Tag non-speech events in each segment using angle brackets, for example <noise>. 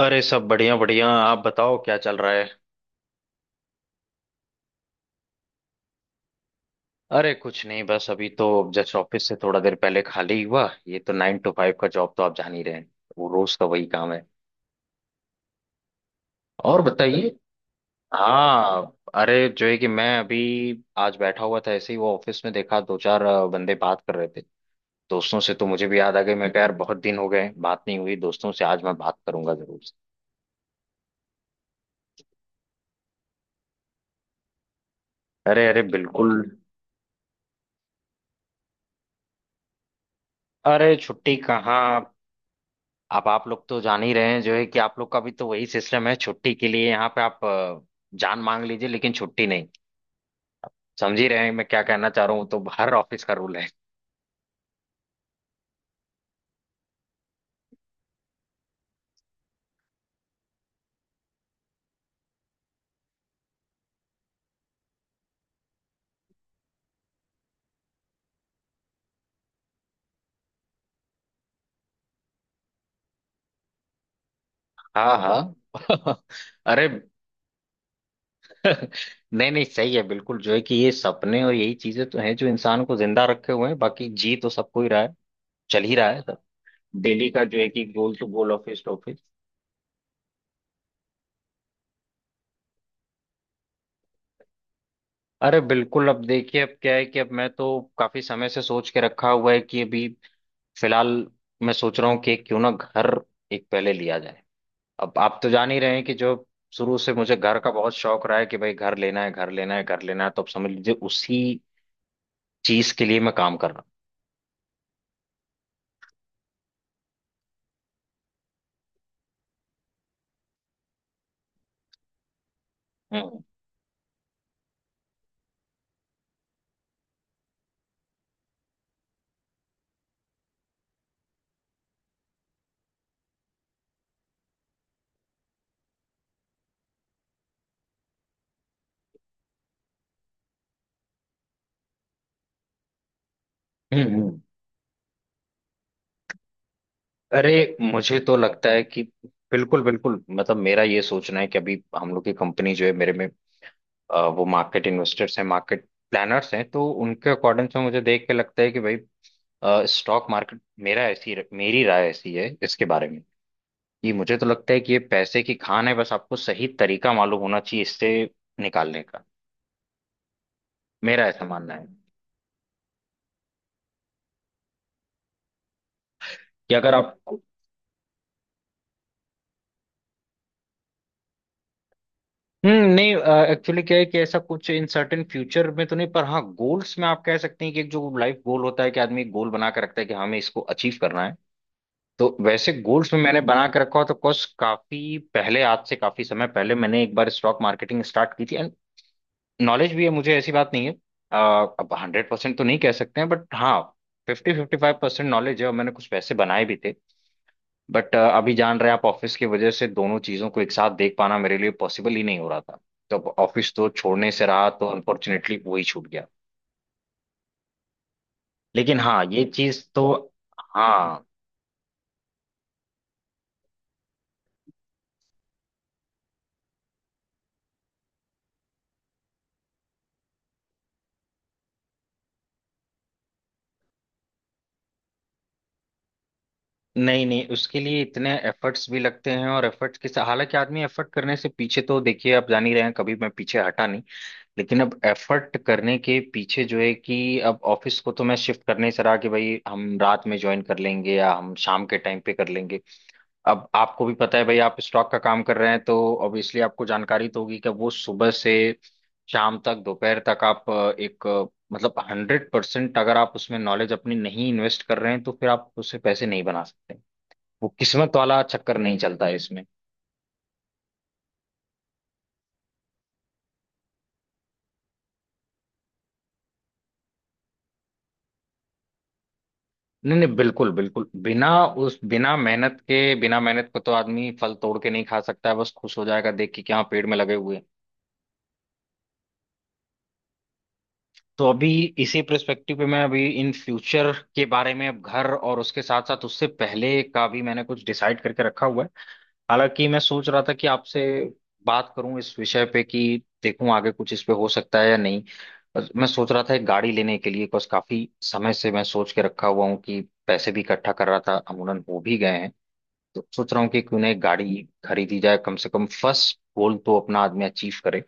अरे सब बढ़िया बढ़िया। आप बताओ क्या चल रहा है। अरे कुछ नहीं, बस अभी तो जस्ट ऑफिस से थोड़ा देर पहले खाली हुआ। ये तो 9 to 5 का जॉब तो आप जान ही रहे हैं। वो रोज का वही काम है। और बताइए। हाँ, अरे जो है कि मैं अभी आज बैठा हुआ था ऐसे ही, वो ऑफिस में देखा दो चार बंदे बात कर रहे थे दोस्तों से, तो मुझे भी याद आ गई। मैं कहा यार, बहुत दिन हो गए बात नहीं हुई दोस्तों से, आज मैं बात करूंगा जरूर से। अरे अरे, बिल्कुल। अरे छुट्टी कहाँ। अब आप लोग तो जान ही रहे हैं जो है कि आप लोग का भी तो वही सिस्टम है। छुट्टी के लिए यहाँ पे आप जान मांग लीजिए, लेकिन छुट्टी नहीं। समझ ही रहे हैं मैं क्या कहना चाह रहा हूँ। तो हर ऑफिस का रूल है। हाँ हाँ। <laughs> अरे। <laughs> नहीं नहीं, सही है बिल्कुल। जो है कि ये सपने और यही चीजें तो हैं जो इंसान को जिंदा रखे हुए हैं, बाकी जी तो सबको ही रहा है। चल ही रहा है सब। डेली का जो है कि goal to goal, office to office. अरे बिल्कुल। अब देखिए, अब क्या है कि अब मैं तो काफी समय से सोच के रखा हुआ है कि अभी फिलहाल मैं सोच रहा हूँ कि क्यों ना घर एक पहले लिया जाए। अब आप तो जान ही रहे हैं कि जो शुरू से मुझे घर का बहुत शौक रहा है कि भाई घर लेना है, घर लेना है, घर लेना है। तो आप समझ लीजिए उसी चीज के लिए मैं काम कर रहा हूँ। हम्म। अरे मुझे तो लगता है कि बिल्कुल बिल्कुल, मतलब मेरा ये सोचना है कि अभी हम लोग की कंपनी जो है, मेरे में वो मार्केट इन्वेस्टर्स हैं, मार्केट प्लानर्स हैं, तो उनके अकॉर्डिंग से मुझे देख के लगता है कि भाई स्टॉक मार्केट, मेरा ऐसी मेरी राय ऐसी है इसके बारे में। ये मुझे तो लगता है कि ये पैसे की खान है, बस आपको सही तरीका मालूम होना चाहिए इससे निकालने का। मेरा ऐसा मानना है कि अगर आप, हम्म, नहीं, एक्चुअली क्या है कि ऐसा कुछ इन सर्टेन फ्यूचर में तो नहीं, पर हाँ गोल्स में आप कह सकते हैं कि एक जो लाइफ गोल होता है कि आदमी गोल बना के रखता है कि हाँ, हमें इसको अचीव करना है। तो वैसे गोल्स में मैंने बना के रखा हो तो, कुछ काफी पहले, आज से काफी समय पहले, मैंने एक बार स्टॉक मार्केटिंग स्टार्ट की थी। नॉलेज भी है मुझे, ऐसी बात नहीं है। अब 100% तो नहीं कह सकते हैं, बट हाँ फिफ्टी, 55% नॉलेज है, और मैंने कुछ पैसे बनाए भी थे। बट अभी जान रहे हैं आप ऑफिस की वजह से दोनों चीज़ों को एक साथ देख पाना मेरे लिए पॉसिबल ही नहीं हो रहा था। तो अब ऑफिस तो छोड़ने से रहा, तो अनफॉर्चुनेटली वही छूट गया। लेकिन हाँ, ये चीज़ तो। हाँ। नहीं नहीं, उसके लिए इतने एफर्ट्स भी लगते हैं, और हालांकि आदमी एफर्ट करने से पीछे तो, देखिए आप जान ही रहे हैं, कभी मैं पीछे हटा नहीं। लेकिन अब एफर्ट करने के पीछे जो है कि, अब ऑफिस को तो मैं शिफ्ट करने से रहा कि भाई हम रात में ज्वाइन कर लेंगे या हम शाम के टाइम पे कर लेंगे। अब आपको भी पता है भाई, आप स्टॉक का काम कर रहे हैं तो ऑब्वियसली आपको जानकारी तो होगी कि वो सुबह से शाम तक, दोपहर तक, आप एक मतलब 100% अगर आप उसमें नॉलेज अपनी नहीं इन्वेस्ट कर रहे हैं तो फिर आप उससे पैसे नहीं बना सकते। वो किस्मत वाला चक्कर नहीं चलता है इसमें। नहीं नहीं बिल्कुल बिल्कुल, बिना उस बिना मेहनत के, बिना मेहनत को तो आदमी फल तोड़ के नहीं खा सकता है, बस खुश हो जाएगा देख के कि हाँ पेड़ में लगे हुए हैं। तो अभी इसी पर्सपेक्टिव पे मैं अभी इन फ्यूचर के बारे में, अब घर और उसके साथ साथ उससे पहले का भी मैंने कुछ डिसाइड करके रखा हुआ है। हालांकि मैं सोच रहा था कि आपसे बात करूं इस विषय पे कि देखूं आगे कुछ इस पे हो सकता है या नहीं। बस मैं सोच रहा था एक गाड़ी लेने के लिए, बस काफी समय से मैं सोच के रखा हुआ हूँ कि पैसे भी इकट्ठा कर रहा था, अमूमन हो भी गए हैं। तो सोच रहा हूँ कि क्यों ना एक गाड़ी खरीदी जाए, कम से कम फर्स्ट गोल तो अपना आदमी अचीव करे।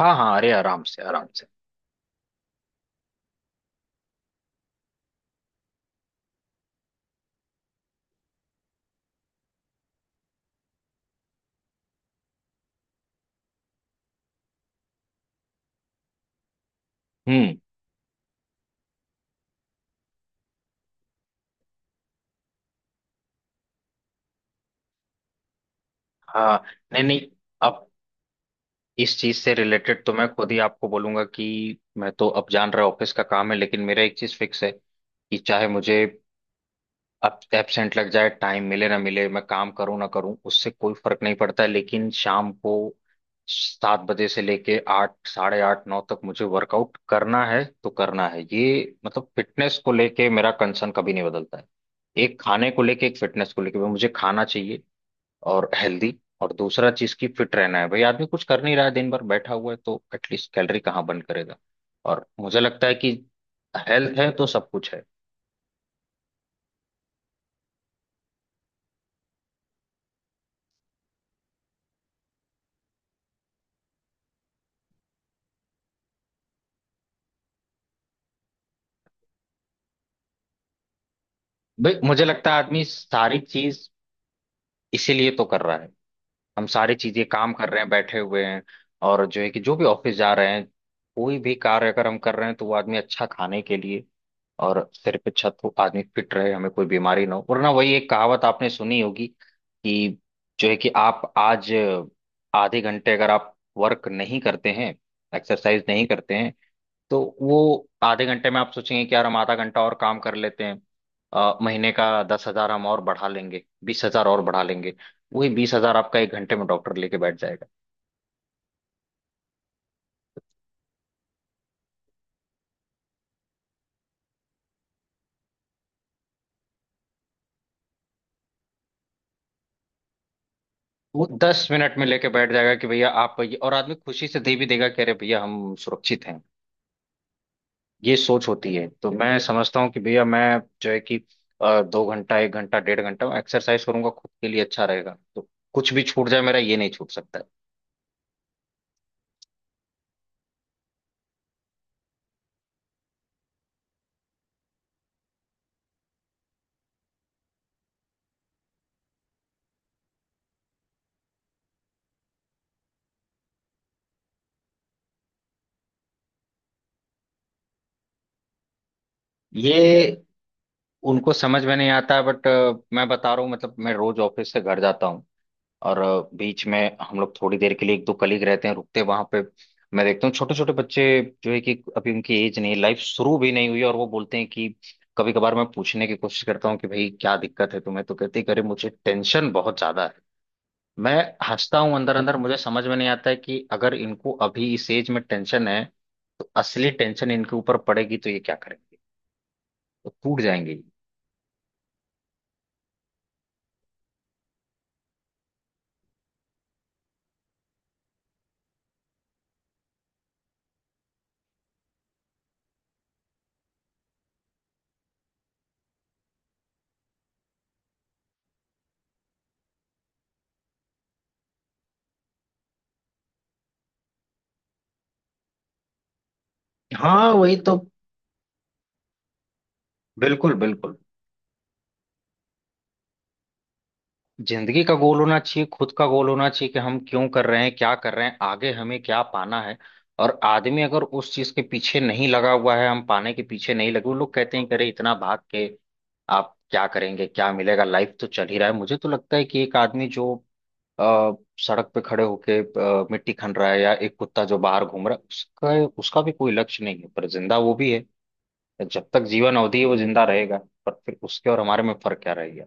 हाँ हाँ, अरे आराम से आराम से। हम्म। हाँ नहीं नहीं, अब इस चीज से रिलेटेड तो मैं खुद ही आपको बोलूंगा कि मैं तो, अब जान रहा ऑफिस का काम है, लेकिन मेरा एक चीज फिक्स है कि चाहे मुझे अब एबसेंट लग जाए, टाइम मिले ना मिले, मैं काम करूं ना करूं, उससे कोई फर्क नहीं पड़ता है, लेकिन शाम को 7 बजे से लेके 8, 8:30, 9 तक मुझे वर्कआउट करना है तो करना है। ये मतलब फिटनेस को लेके मेरा कंसर्न कभी नहीं बदलता है। एक खाने को लेके, एक फिटनेस को लेके। भाई मुझे खाना चाहिए और हेल्दी, और दूसरा चीज की फिट रहना है। भाई आदमी कुछ कर नहीं रहा है, दिन भर बैठा हुआ है, तो एटलीस्ट कैलोरी कहाँ बर्न करेगा। और मुझे लगता है कि हेल्थ है तो सब कुछ है। भाई मुझे लगता है आदमी सारी चीज इसीलिए तो कर रहा है। हम सारी चीजें काम कर रहे हैं, बैठे हुए हैं, और जो है कि जो भी ऑफिस जा रहे हैं, कोई भी कार्य अगर हम कर रहे हैं, तो वो आदमी अच्छा खाने के लिए, और सिर पे छत हो, आदमी फिट रहे, हमें कोई बीमारी ना हो। वरना वही एक कहावत आपने सुनी होगी कि जो है कि आप आज आधे घंटे अगर आप वर्क नहीं करते हैं, एक्सरसाइज नहीं करते हैं, तो वो आधे घंटे में आप सोचेंगे कि यार हम आधा घंटा और काम कर लेते हैं, महीने का 10,000 हम और बढ़ा लेंगे, 20,000 और बढ़ा लेंगे। वही 20,000 आपका एक घंटे में डॉक्टर लेके बैठ जाएगा। वो 10 मिनट में लेके बैठ जाएगा कि भैया आप ये, और आदमी खुशी से दे भी देगा, कह रहे भैया हम सुरक्षित हैं। ये सोच होती है। तो मैं समझता हूँ कि भैया मैं जो है कि 2 घंटा, 1 घंटा, डेढ़ घंटा एक्सरसाइज करूंगा खुद के लिए अच्छा रहेगा, तो कुछ भी छूट जाए मेरा ये नहीं छूट सकता है। ये उनको समझ में नहीं आता है, बट मैं बता रहा हूँ मतलब। मैं रोज ऑफिस से घर जाता हूँ, और बीच में हम लोग थोड़ी देर के लिए, एक दो कलीग रहते हैं, रुकते हैं वहां पे। मैं देखता हूँ छोटे छोटे बच्चे, जो है कि अभी उनकी एज नहीं, लाइफ शुरू भी नहीं हुई, और वो बोलते हैं कि, कभी कभार मैं पूछने की कोशिश करता हूँ कि भाई क्या दिक्कत है तुम्हें, तो कहते हैं कि अरे मुझे टेंशन बहुत ज्यादा है। मैं हंसता हूँ अंदर अंदर, मुझे समझ में नहीं आता है कि अगर इनको अभी इस एज में टेंशन है, तो असली टेंशन इनके ऊपर पड़ेगी तो ये क्या करेंगे, तो टूट जाएंगे। हाँ वही तो, बिल्कुल बिल्कुल। जिंदगी का गोल होना चाहिए, खुद का गोल होना चाहिए कि हम क्यों कर रहे हैं, क्या कर रहे हैं, आगे हमें क्या पाना है। और आदमी अगर उस चीज के पीछे नहीं लगा हुआ है, हम पाने के पीछे नहीं लगे, वो लोग कहते हैं कि अरे इतना भाग के आप क्या करेंगे, क्या मिलेगा, लाइफ तो चल ही रहा है। मुझे तो लगता है कि एक आदमी जो अ, सड़क पे खड़े होके मिट्टी खन रहा है, या एक कुत्ता जो बाहर घूम रहा है, उसका उसका भी कोई लक्ष्य नहीं है, पर जिंदा वो भी है। जब तक जीवन अवधि है वो जिंदा रहेगा। पर फिर उसके और हमारे में फर्क क्या रहेगा।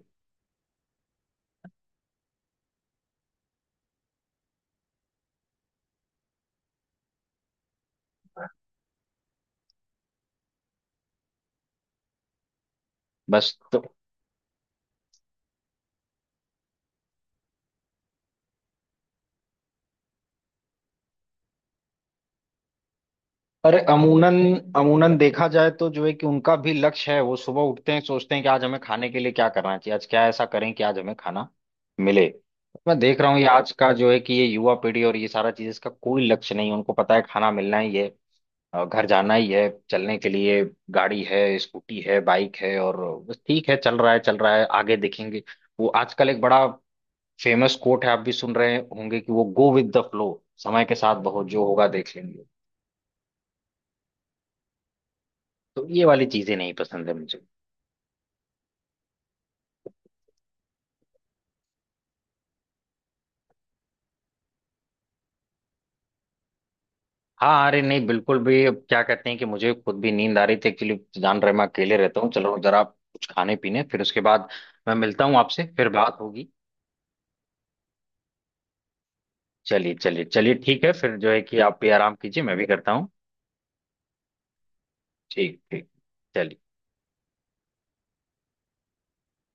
बस तो। अरे अमूनन, अमूनन देखा जाए तो जो है कि उनका भी लक्ष्य है, वो सुबह उठते हैं सोचते हैं कि आज हमें खाने के लिए क्या करना चाहिए, आज क्या ऐसा करें कि आज हमें खाना मिले। मैं देख रहा हूँ ये आज का जो है कि ये युवा पीढ़ी, और ये सारा चीज, इसका कोई लक्ष्य नहीं है। उनको पता है खाना मिलना ही है, घर जाना ही है, चलने के लिए गाड़ी है, स्कूटी है, बाइक है, और बस ठीक है, चल रहा है चल रहा है, आगे देखेंगे। वो आजकल एक बड़ा फेमस कोट है, आप भी सुन रहे होंगे कि वो गो विद द फ्लो, समय के साथ बहुत जो होगा देख लेंगे। तो ये वाली चीजें नहीं पसंद है मुझे। हाँ अरे नहीं बिल्कुल भी, अब क्या कहते हैं कि मुझे खुद भी नींद आ रही थी एक्चुअली। जान रहे मैं अकेले रहता हूँ, चलो जरा कुछ खाने पीने फिर उसके बाद। मैं मिलता हूँ आपसे, फिर बात होगी। चलिए चलिए चलिए, ठीक है फिर, जो है कि आप भी आराम कीजिए मैं भी करता हूँ। ठीक ठीक। चलिए।